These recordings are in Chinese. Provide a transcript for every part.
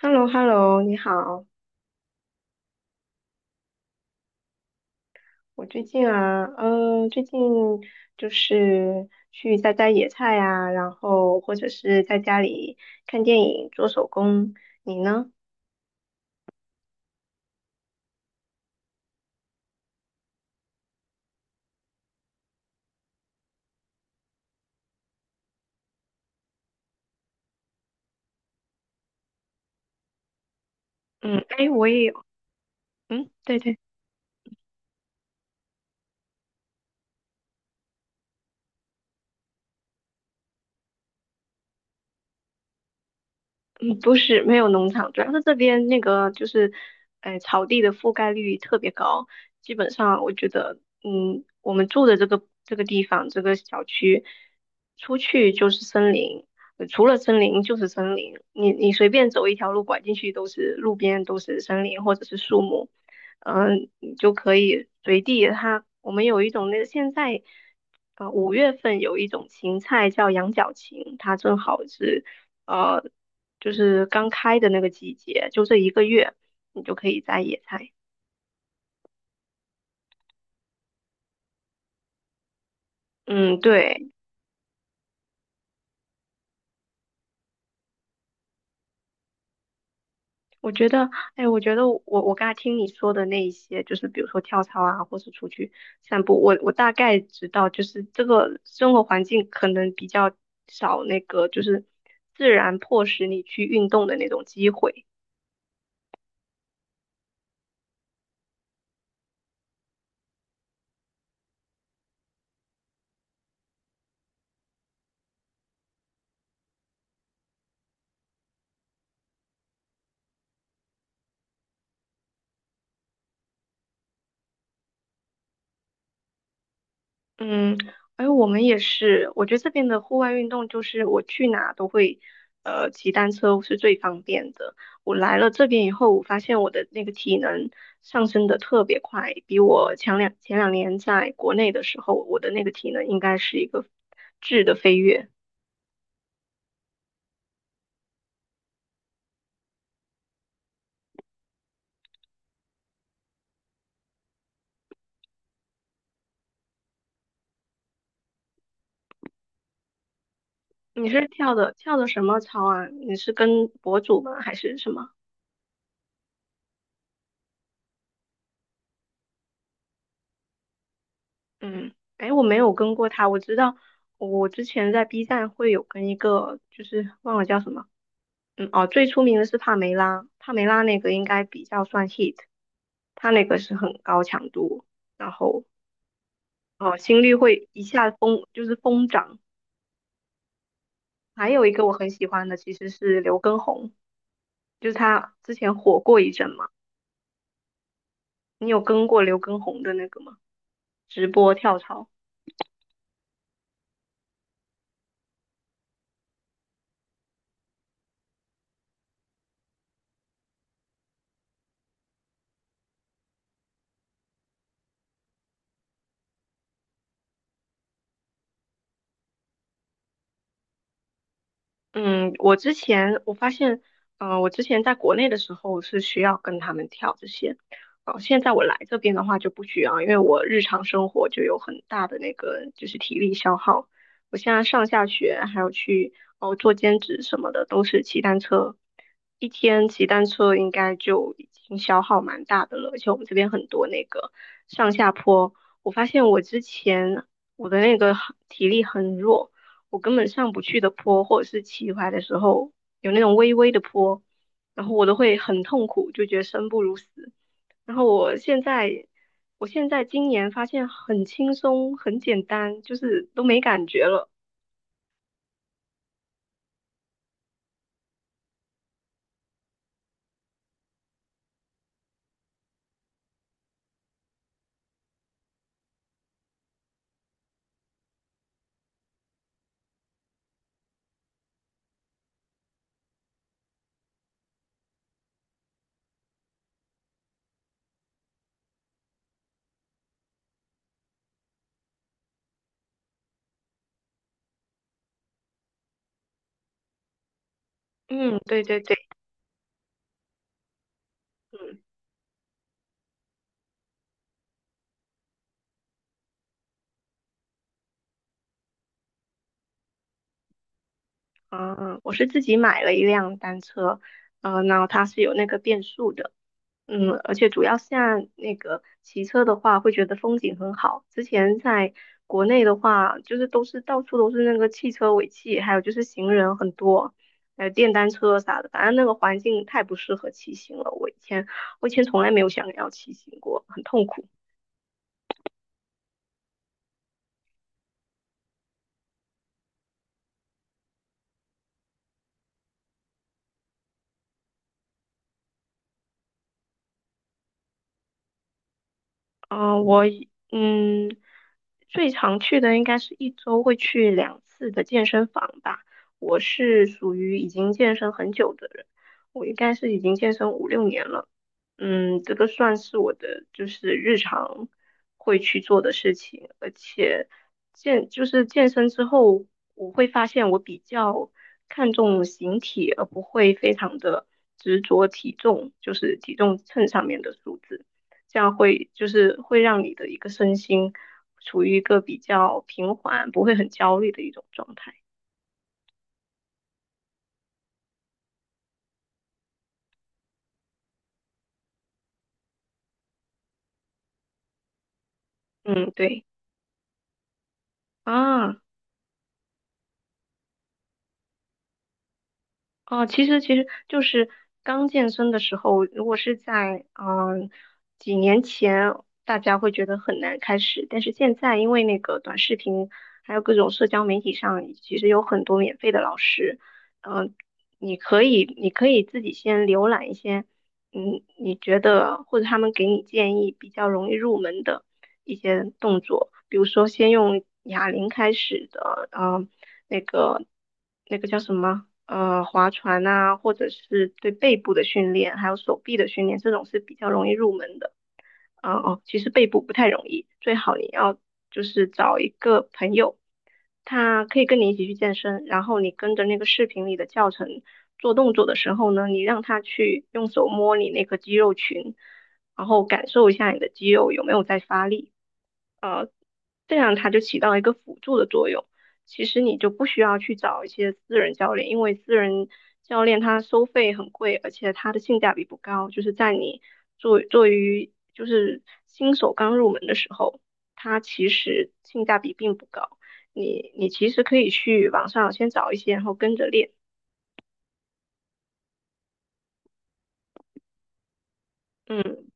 h e l l o h e l l o 你好。我最近就是去摘摘野菜呀，然后或者是在家里看电影、做手工。你呢？嗯，哎，我也有，嗯，对对。嗯，不是，没有农场，主要是这边那个就是，哎，草地的覆盖率特别高，基本上我觉得，我们住的这个地方这个小区，出去就是森林，除了森林就是森林，你随便走一条路拐进去都是路边都是森林或者是树木，你就可以随地它，我们有一种那个现在。五月份有一种芹菜叫羊角芹，它正好是呃，就是刚开的那个季节，就这一个月，你就可以摘野菜。嗯，对，我觉得，哎，我觉得我刚才听你说的那一些，就是比如说跳操啊，或是出去散步，我大概知道，就是这个生活环境可能比较少那个，就是自然迫使你去运动的那种机会。嗯，而我们也是，我觉得这边的户外运动就是我去哪都会，骑单车是最方便的。我来了这边以后，我发现我的那个体能上升的特别快，比我前两年在国内的时候，我的那个体能应该是一个质的飞跃。你是跳的什么操啊？你是跟博主吗？还是什么？嗯，哎，我没有跟过他，我知道我之前在 B 站会有跟一个，就是忘了叫什么。嗯，哦，最出名的是帕梅拉，帕梅拉那个应该比较算 hit，它那个是很高强度，然后哦，心率会一下疯，就是疯涨。还有一个我很喜欢的其实是刘畊宏，就是他之前火过一阵嘛。你有跟过刘畊宏的那个吗？直播跳槽？嗯，我之前我发现，我之前在国内的时候是需要跟他们跳这些，哦、现在我来这边的话就不需要，因为我日常生活就有很大的那个就是体力消耗。我现在上下学还有去哦做兼职什么的，都是骑单车，一天骑单车应该就已经消耗蛮大的了，而且我们这边很多那个上下坡，我发现我之前我的那个体力很弱，我根本上不去的坡，或者是骑回来的时候有那种微微的坡，然后我都会很痛苦，就觉得生不如死。然后我现在今年发现很轻松，很简单，就是都没感觉了。嗯，对对对，嗯嗯。我是自己买了一辆单车，然后它是有那个变速的，而且主要现在那个骑车的话，会觉得风景很好。之前在国内的话，就是都是到处都是那个汽车尾气，还有就是行人很多，还有电单车啥的，反正那个环境太不适合骑行了。我以前从来没有想要骑行过，很痛苦。嗯，最常去的应该是一周会去两次的健身房吧。我是属于已经健身很久的人，我应该是已经健身五六年了。嗯，这个算是我的就是日常会去做的事情，而且就是健身之后，我会发现我比较看重形体，而不会非常的执着体重，就是体重秤上面的数字，这样就是会让你的一个身心处于一个比较平缓，不会很焦虑的一种状态。嗯，对啊。哦，其实就是刚健身的时候，如果是在几年前，大家会觉得很难开始，但是现在因为那个短视频，还有各种社交媒体上，其实有很多免费的老师，嗯、你可以自己先浏览一些。你觉得或者他们给你建议比较容易入门的一些动作，比如说先用哑铃开始的，那个那个叫什么，划船啊，或者是对背部的训练，还有手臂的训练，这种是比较容易入门的。其实背部不太容易，最好你要就是找一个朋友，他可以跟你一起去健身，然后你跟着那个视频里的教程做动作的时候呢，你让他去用手摸你那个肌肉群，然后感受一下你的肌肉有没有在发力。这样它就起到一个辅助的作用。其实你就不需要去找一些私人教练，因为私人教练他收费很贵，而且他的性价比不高，就是在你做做于就是新手刚入门的时候，它其实性价比并不高。你其实可以去网上先找一些，然后跟着练。嗯。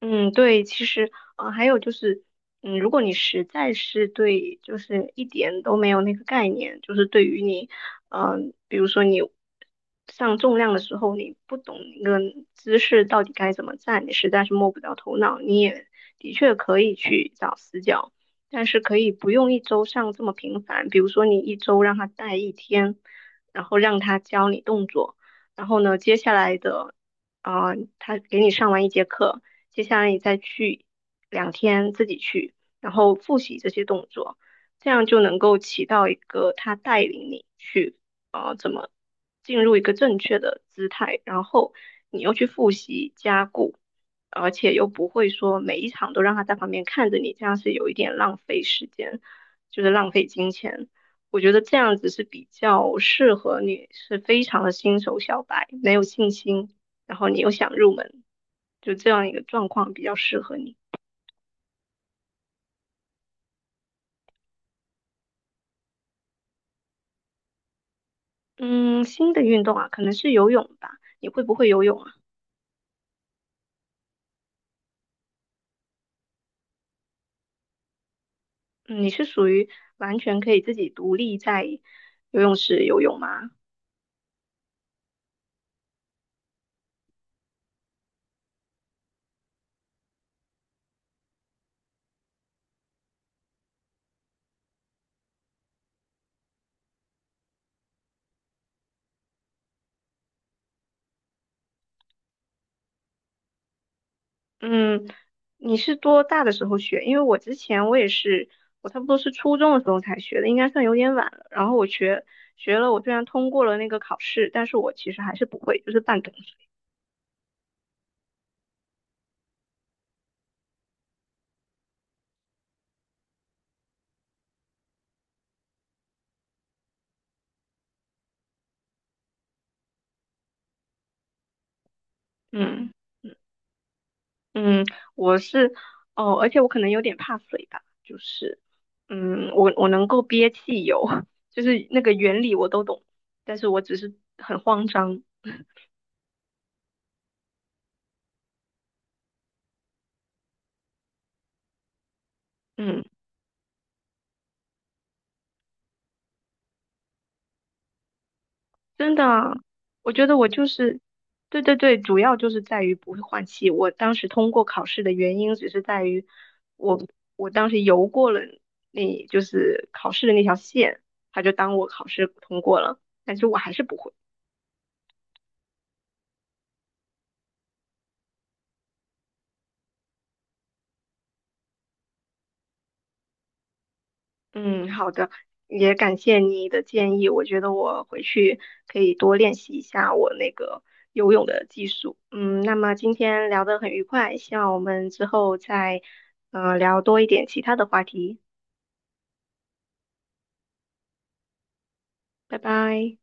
嗯，对，其实，还有就是，如果你实在是对，就是一点都没有那个概念，就是对于你，比如说你上重量的时候，你不懂那个姿势到底该怎么站，你实在是摸不着头脑，你也的确可以去找死角，但是可以不用一周上这么频繁，比如说你一周让他带一天，然后让他教你动作。然后呢，接下来的啊、他给你上完一节课，接下来你再去两天自己去，然后复习这些动作，这样就能够起到一个他带领你去怎么进入一个正确的姿态，然后你又去复习加固，而且又不会说每一场都让他在旁边看着你，这样是有一点浪费时间，就是浪费金钱。我觉得这样子是比较适合你，是非常的新手小白，没有信心。然后你又想入门，就这样一个状况比较适合你。嗯，新的运动啊，可能是游泳吧。你会不会游泳啊？嗯，你是属于完全可以自己独立在游泳池游泳吗？嗯，你是多大的时候学？因为我之前我也是，我差不多是初中的时候才学的，应该算有点晚了。然后我学了，我虽然通过了那个考试，但是我其实还是不会，就是半桶水。嗯。嗯，我是哦，而且我可能有点怕水吧，就是，我能够憋气游，就是那个原理我都懂，但是我只是很慌张，嗯，真的啊我觉得我就是，对对对，主要就是在于不会换气。我当时通过考试的原因只是在于我我当时游过了那，就是考试的那条线，他就当我考试通过了，但是我还是不会。嗯，好的，也感谢你的建议，我觉得我回去可以多练习一下我那个游泳的技术。嗯，那么今天聊得很愉快，希望我们之后再聊多一点其他的话题。拜拜。